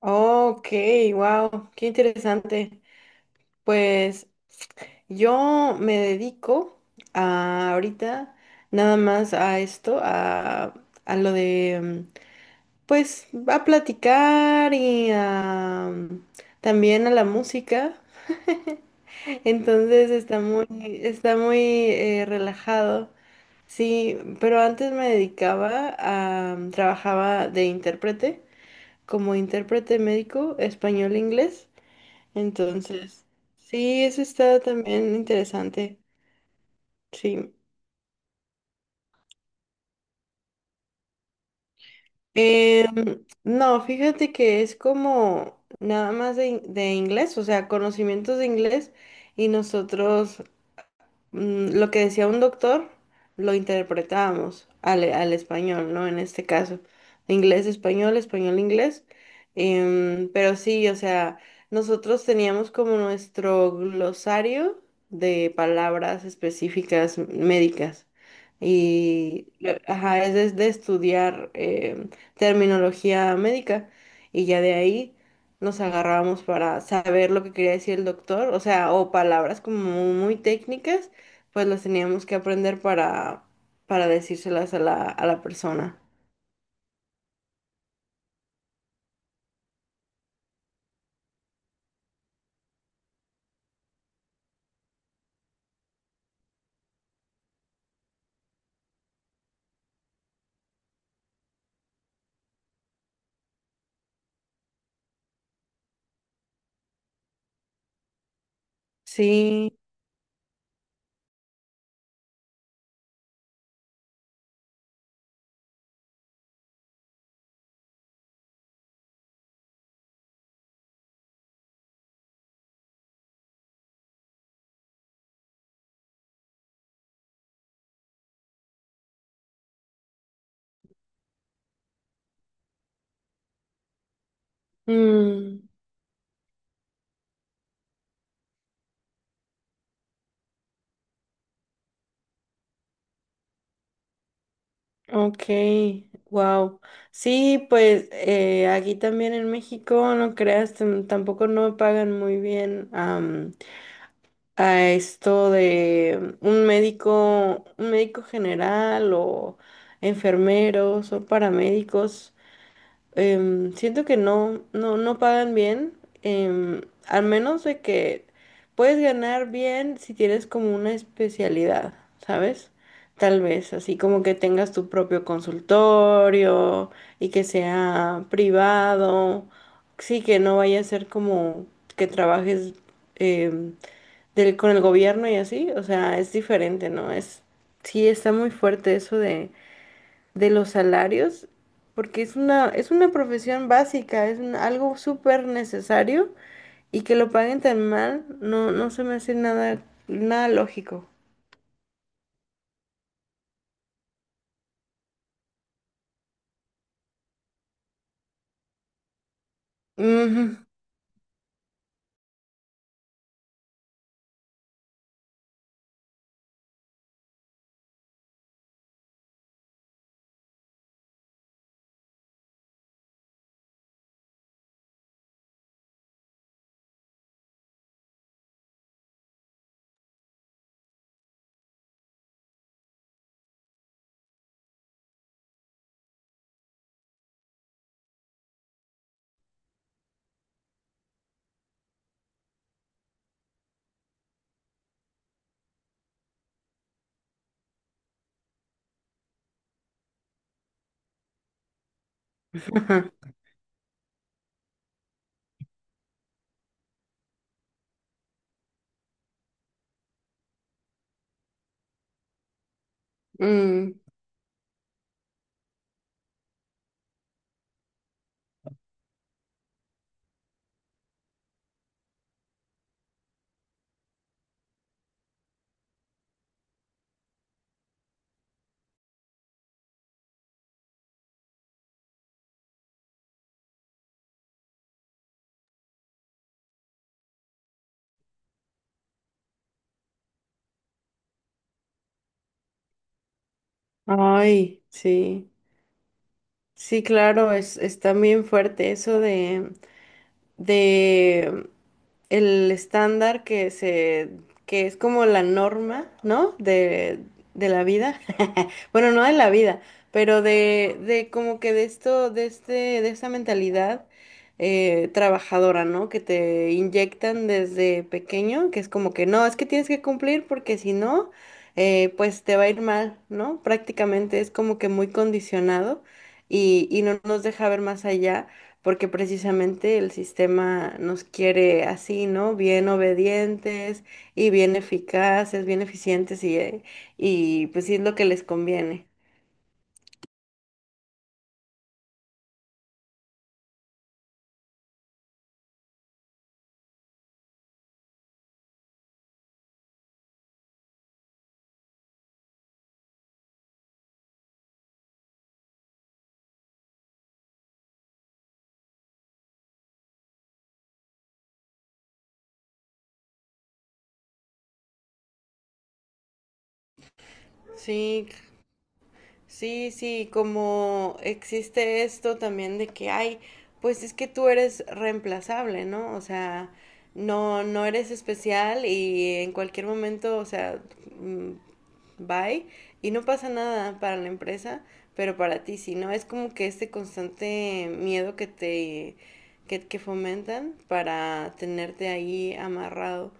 Ok, wow, qué interesante. Pues yo me dedico ahorita nada más a esto, a lo de, mm, pues, a platicar y también a la música. Entonces está está muy relajado. Sí, pero antes me dedicaba a trabajaba de intérprete, como intérprete médico español-inglés. Entonces, sí, eso está también interesante. Sí. No, fíjate que es como nada más de inglés, o sea, conocimientos de inglés y nosotros lo que decía un doctor lo interpretábamos al español, ¿no? En este caso, inglés, español, español, inglés. Pero sí, o sea, nosotros teníamos como nuestro glosario de palabras específicas médicas. Y, ajá, es de estudiar terminología médica. Y ya de ahí nos agarrábamos para saber lo que quería decir el doctor, o sea, o palabras como muy técnicas pues las teníamos que aprender para decírselas a a la persona. Sí. Mm, ok, wow. Sí, pues aquí también en México, no creas, tampoco no pagan muy bien a esto de un médico general o enfermeros o paramédicos. Siento que no pagan bien, em, al menos de que puedes ganar bien si tienes como una especialidad, ¿sabes? Tal vez, así como que tengas tu propio consultorio y que sea privado, sí, que no vaya a ser como que trabajes em, con el gobierno y así, o sea, es diferente, ¿no? Es, sí, está muy fuerte eso de los salarios, porque es una profesión básica, es algo súper necesario y que lo paguen tan mal, no, no se me hace nada, nada lógico. Ujú. Ajá. Mm. Ay, sí. Sí, claro, es, está bien fuerte eso de el estándar que es como la norma, ¿no? De la vida. Bueno, no de la vida, pero de como que de esto, de este, de esta mentalidad trabajadora, ¿no? Que te inyectan desde pequeño, que es como que no, es que tienes que cumplir porque si no, pues te va a ir mal, ¿no? Prácticamente es como que muy condicionado y no nos deja ver más allá porque precisamente el sistema nos quiere así, ¿no? Bien obedientes y bien eficaces, bien eficientes y, y pues sí es lo que les conviene. Sí. Sí, sí, como existe esto también de que hay, pues es que tú eres reemplazable, ¿no? O sea, no, no eres especial y en cualquier momento, o sea, mm, bye, y no pasa nada para la empresa, pero para ti sí, ¿no? Es como que este constante miedo que te, que fomentan para tenerte ahí amarrado,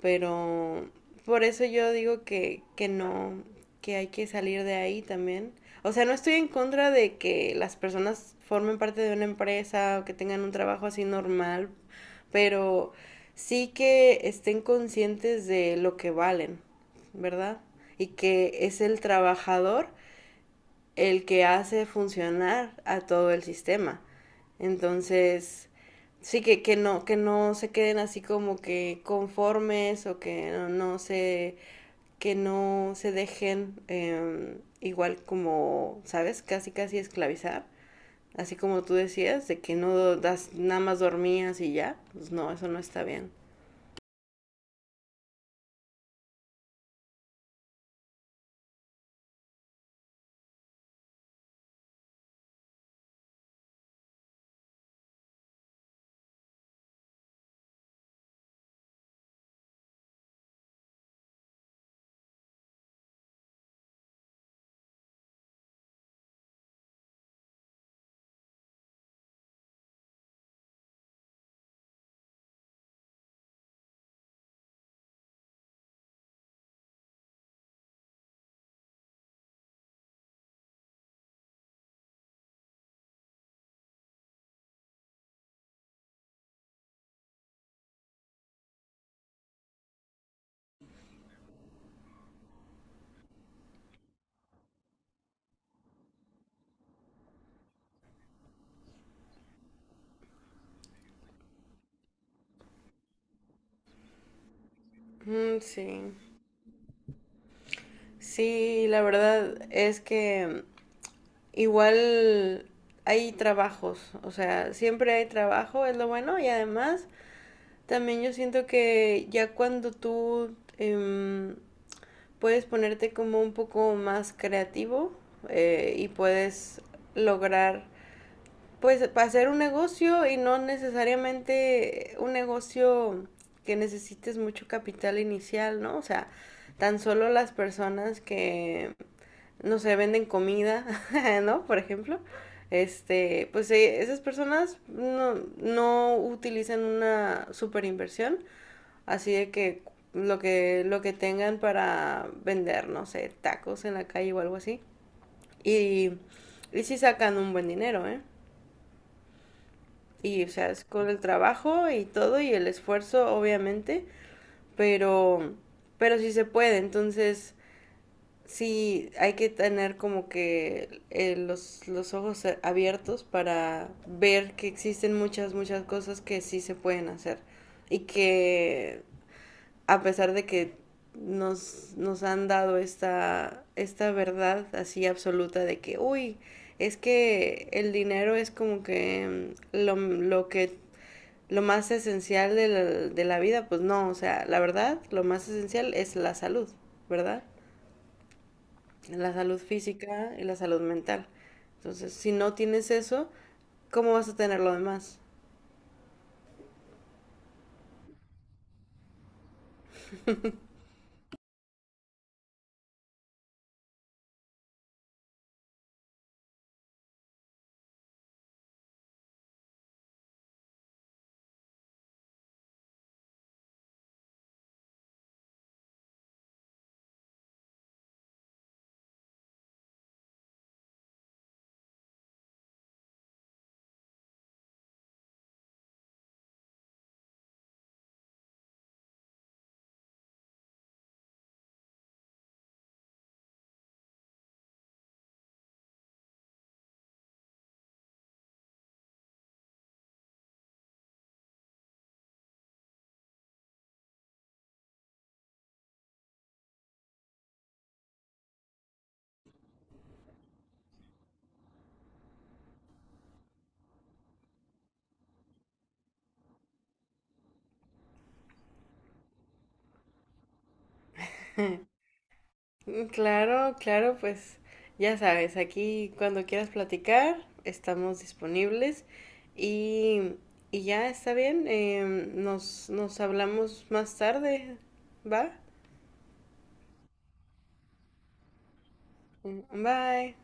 pero por eso yo digo que no, que hay que salir de ahí también. O sea, no estoy en contra de que las personas formen parte de una empresa o que tengan un trabajo así normal, pero sí que estén conscientes de lo que valen, ¿verdad? Y que es el trabajador el que hace funcionar a todo el sistema. Entonces, sí que no se queden así como que conformes o que no, no se que no se dejen igual como, ¿sabes? Casi, casi esclavizar. Así como tú decías, de que no das, nada más dormías y ya. Pues no, eso no está bien. Mm, sí. Sí, la verdad es que igual hay trabajos, o sea, siempre hay trabajo, es lo bueno, y además también yo siento que ya cuando tú puedes ponerte como un poco más creativo y puedes lograr, pues hacer un negocio y no necesariamente un negocio que necesites mucho capital inicial, ¿no? O sea, tan solo las personas que, no sé, venden comida, ¿no? Por ejemplo, este, pues esas personas no, no utilizan una super inversión. Así de que lo que, lo que tengan para vender, no sé, tacos en la calle o algo así. Y, y sí sacan un buen dinero, ¿eh? Y, o sea, es con el trabajo y todo y el esfuerzo, obviamente, pero, pero sí se puede. Entonces, sí hay que tener como que los ojos abiertos para ver que existen muchas, muchas cosas que sí se pueden hacer y que a pesar de que nos, nos han dado esta, esta verdad así absoluta de que, uy, es que el dinero es como que lo que lo más esencial de la vida, pues no, o sea, la verdad, lo más esencial es la salud, ¿verdad? La salud física y la salud mental. Entonces, si no tienes eso, ¿cómo vas a tener lo demás? Mm, claro, claro, pues ya sabes, aquí cuando quieras platicar estamos disponibles y, y ya está bien, nos, nos hablamos más tarde, ¿va? Mm, bye.